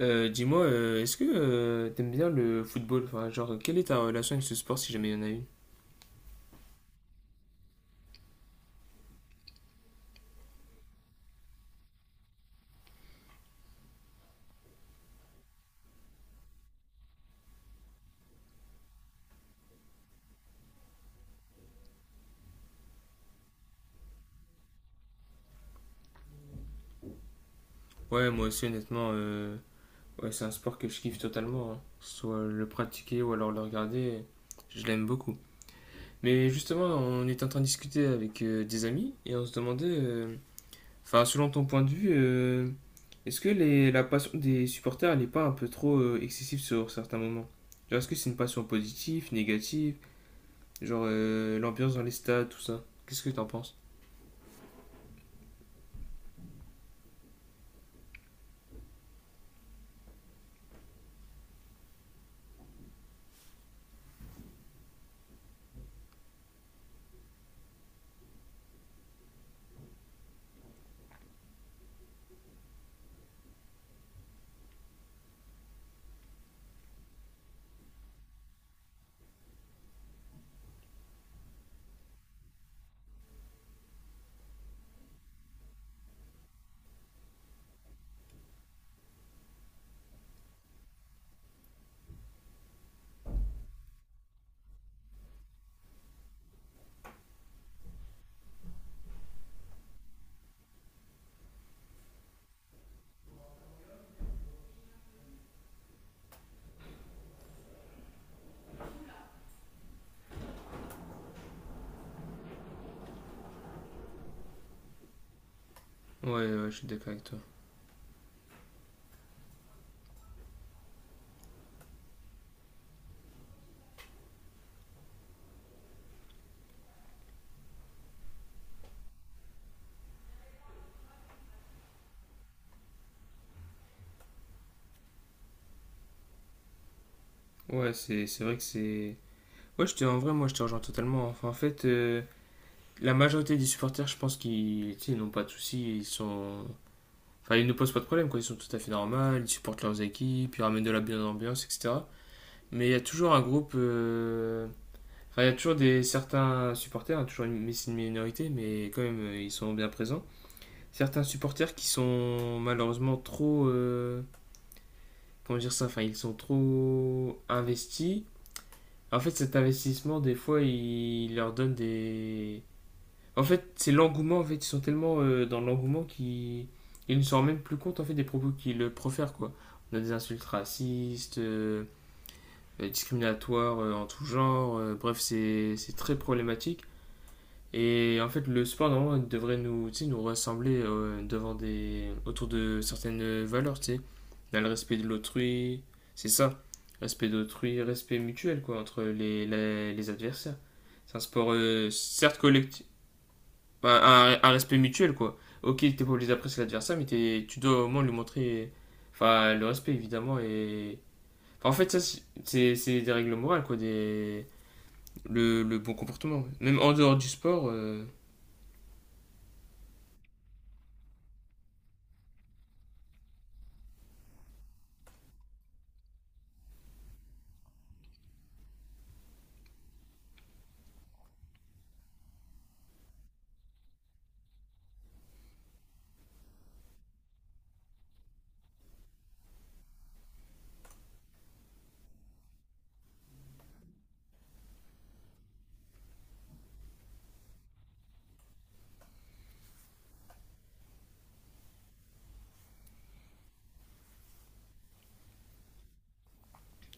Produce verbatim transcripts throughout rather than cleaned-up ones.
Euh, dis-moi, euh, est-ce que euh, t'aimes bien le football? Enfin, genre, quelle est ta relation avec ce sport si jamais il y en a une? Ouais, moi aussi, honnêtement, euh, ouais, c'est un sport que je kiffe totalement, hein. Soit le pratiquer ou alors le regarder, je l'aime beaucoup. Mais justement, on est en train de discuter avec euh, des amis et on se demandait, euh, enfin, selon ton point de vue, euh, est-ce que les, la passion des supporters, elle n'est pas un peu trop euh, excessive sur certains moments? Genre, est-ce que c'est une passion positive, négative? Genre, euh, l'ambiance dans les stades, tout ça. Qu'est-ce que t'en penses? Ouais, ouais, je suis d'accord avec toi. Ouais, c'est c'est vrai que c'est. Ouais, je te, en vrai, moi, je te rejoins totalement. Enfin, en fait, euh, la majorité des supporters, je pense qu'ils tu sais, ils n'ont pas de soucis. Ils sont. Enfin, ils ne posent pas de problème, quoi. Ils sont tout à fait normaux, ils supportent leurs équipes, ils ramènent de la bonne ambiance, et cetera. Mais il y a toujours un groupe. euh, Enfin, il y a toujours des, certains supporters, hein, toujours une, mais c'est une minorité, mais quand même, euh, ils sont bien présents. Certains supporters qui sont malheureusement trop. euh, Comment dire ça. Enfin, ils sont trop investis. En fait, cet investissement, des fois, il leur donne des. En fait, c'est l'engouement. En fait, ils sont tellement euh, dans l'engouement qu'ils ils ne se rendent même plus compte en fait des propos qu'ils euh, profèrent quoi. On a des insultes racistes, euh, euh, discriminatoires euh, en tout genre. Euh, bref, c'est c'est très problématique. Et en fait, le sport, normalement, devrait nous, tu sais, nous rassembler euh, devant des... autour de certaines valeurs, tu sais. Dans le respect de l'autrui, c'est ça. Respect d'autrui, respect mutuel, quoi, entre les, les, les adversaires. C'est un sport, euh, certes, collectif. Enfin, un, un respect mutuel, quoi. Ok, t'es pas obligé d'apprécier l'adversaire, mais t'es- tu dois au moins lui montrer, enfin, le respect, évidemment. Et... Enfin, en fait, ça, c'est- c'est c'est des règles morales, quoi. Des... Le, le bon comportement. Même en dehors du sport, euh,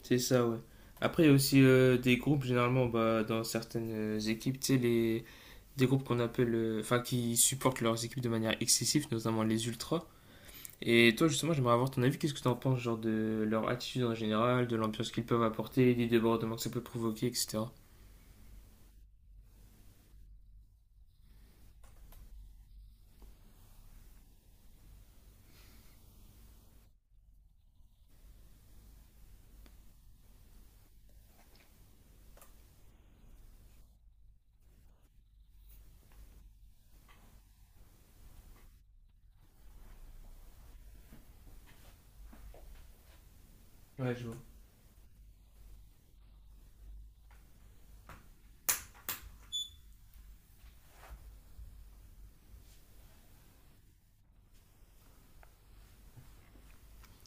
c'est ça, ouais. Après, il y a aussi euh, des groupes, généralement, bah, dans certaines euh, équipes, tu sais, les... des groupes qu'on appelle. euh, Enfin, qui supportent leurs équipes de manière excessive, notamment les ultras. Et toi, justement, j'aimerais avoir ton avis. Qu'est-ce que tu en penses, genre, de leur attitude en général, de l'ambiance qu'ils peuvent apporter, des débordements que ça peut provoquer, et cetera. Ouais, je vois.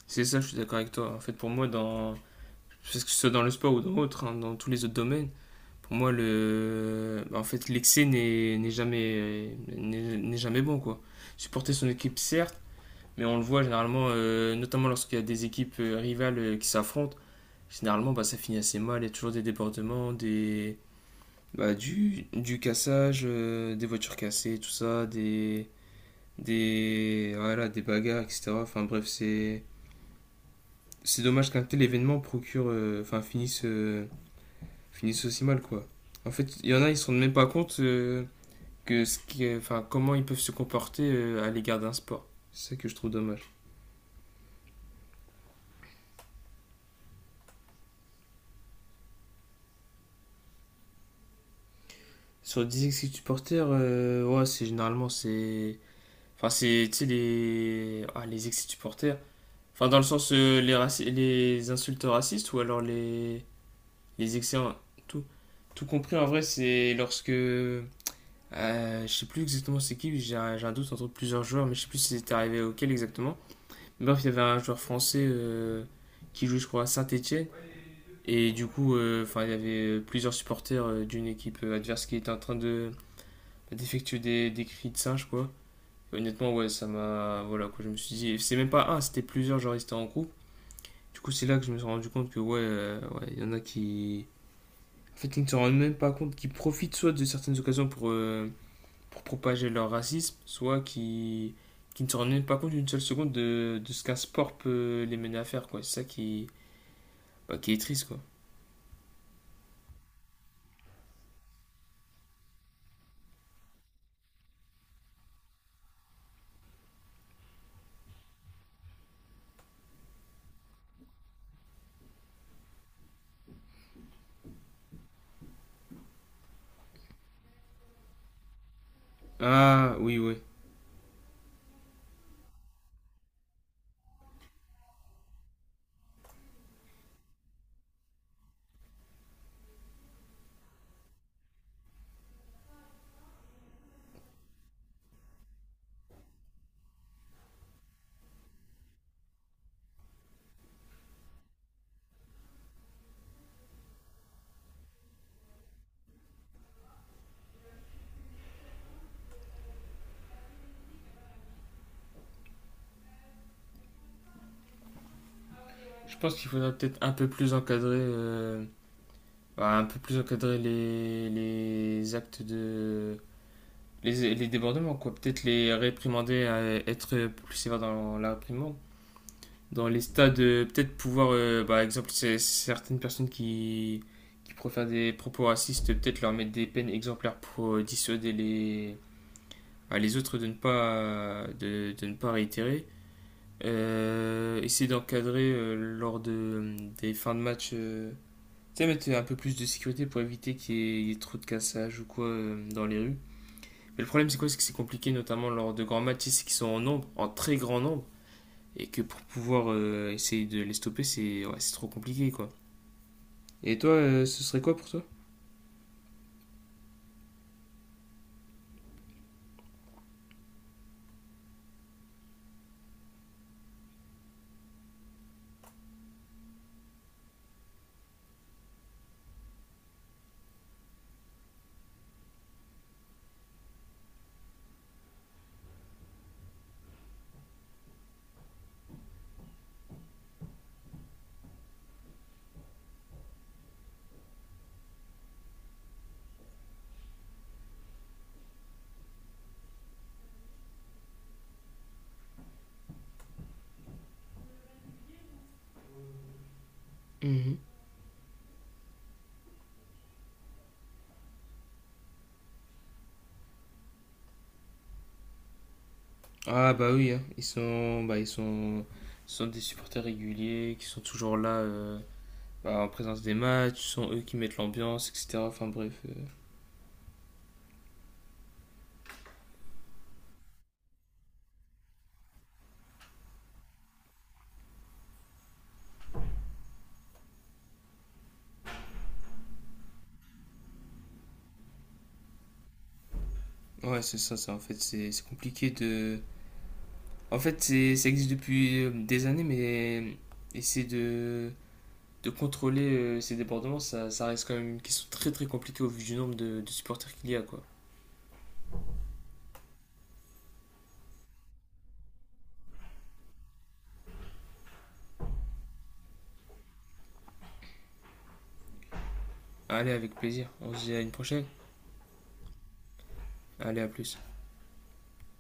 C'est ça, je suis d'accord avec toi. En fait, pour moi, dans, parce que ce soit dans le sport ou dans autre, hein, dans tous les autres domaines, pour moi, le, bah, en fait, l'excès n'est n'est jamais, n'est n'est jamais bon, quoi. Supporter son équipe, certes, mais on le voit généralement, euh, notamment lorsqu'il y a des équipes euh, rivales euh, qui s'affrontent, généralement, bah, ça finit assez mal. Il y a toujours des débordements, des, bah, du, du cassage, euh, des voitures cassées, tout ça, des, des, voilà, des bagarres, et cetera. Enfin bref, c'est, c'est dommage qu'un tel événement procure, euh, enfin finisse euh, finissent aussi mal, quoi. En fait, il y en a, ils se rendent même pas compte euh, que ce qui est- enfin, comment ils peuvent se comporter euh, à l'égard d'un sport. C'est ça que je trouve dommage. Sur dix ex supporters, euh, ouais, c'est généralement, c'est... Enfin, c'est, tu sais, les... Ah, les ex supporters. Enfin, dans le sens, euh, les, raci- les insultes racistes ou alors les, les excès... Tout... Tout compris, en vrai, c'est lorsque... Euh, je sais plus exactement c'est qui, j'ai un, j'ai un doute entre plusieurs joueurs, mais je sais plus si c'était arrivé auquel exactement. Bref, il y avait un joueur français euh, qui joue, je crois, à Saint-Etienne. Et du coup, euh, enfin, il y avait plusieurs supporters euh, d'une équipe euh, adverse qui étaient en train de d'effectuer des, des cris de singe, quoi. Et honnêtement, ouais, ça m'a. Voilà, quoi, je me suis dit. et C'est même pas un, c'était plusieurs, genre, ils étaient en groupe. Du coup, c'est là que je me suis rendu compte que, ouais, euh, ouais, il y en a qui. En fait, ils ne se rendent même pas compte, qui profitent soit de certaines occasions pour, euh, pour propager leur racisme, soit qui qui ne se rendent même pas compte d'une seule seconde de, de ce qu'un sport peut euh, les mener à faire, quoi. C'est ça qui, bah, qui est triste quoi. Ah, oui, oui. Je pense qu'il faudrait peut-être un peu plus encadrer, euh, bah, un peu plus encadrer les, les actes de. Les, les débordements, quoi. Peut-être les réprimander, euh, être plus sévère dans la réprimande. Dans les stades, euh, peut-être pouvoir, euh, par exemple, c'est- certaines personnes qui, qui préfèrent des propos racistes, peut-être leur mettre des peines exemplaires pour euh, dissuader les, bah, les autres de ne pas, de, de ne pas réitérer. Euh, essayer d'encadrer euh, lors de, des fins de match. Euh, tu sais, mettre un peu plus de sécurité pour éviter qu'il y, ait- il y ait trop de cassage ou quoi euh, dans les rues. Mais le problème, c'est quoi? C'est que c'est compliqué, notamment lors de grands matchs, c'est qu'ils sont en nombre, en très grand nombre, et que pour pouvoir euh, essayer de les stopper, c'est ouais, c'est trop compliqué, quoi. Et toi, euh, ce serait quoi pour toi? Mhm. Ah, bah oui, hein. Ils sont, bah, ils sont, ce sont des supporters réguliers qui sont toujours là. Euh, bah, en présence des matchs, ce sont eux qui mettent l'ambiance, et cetera. Enfin bref, euh. Ouais, c'est ça, ça. En fait, c'est c'est compliqué de. En fait, c'est, ça existe depuis euh, des années, mais essayer de, de contrôler euh, ces débordements, ça, ça reste quand même une question très très compliquée au vu du nombre de, de supporters qu'il y a, quoi. Allez, avec plaisir. On se dit à une prochaine. Allez, à plus.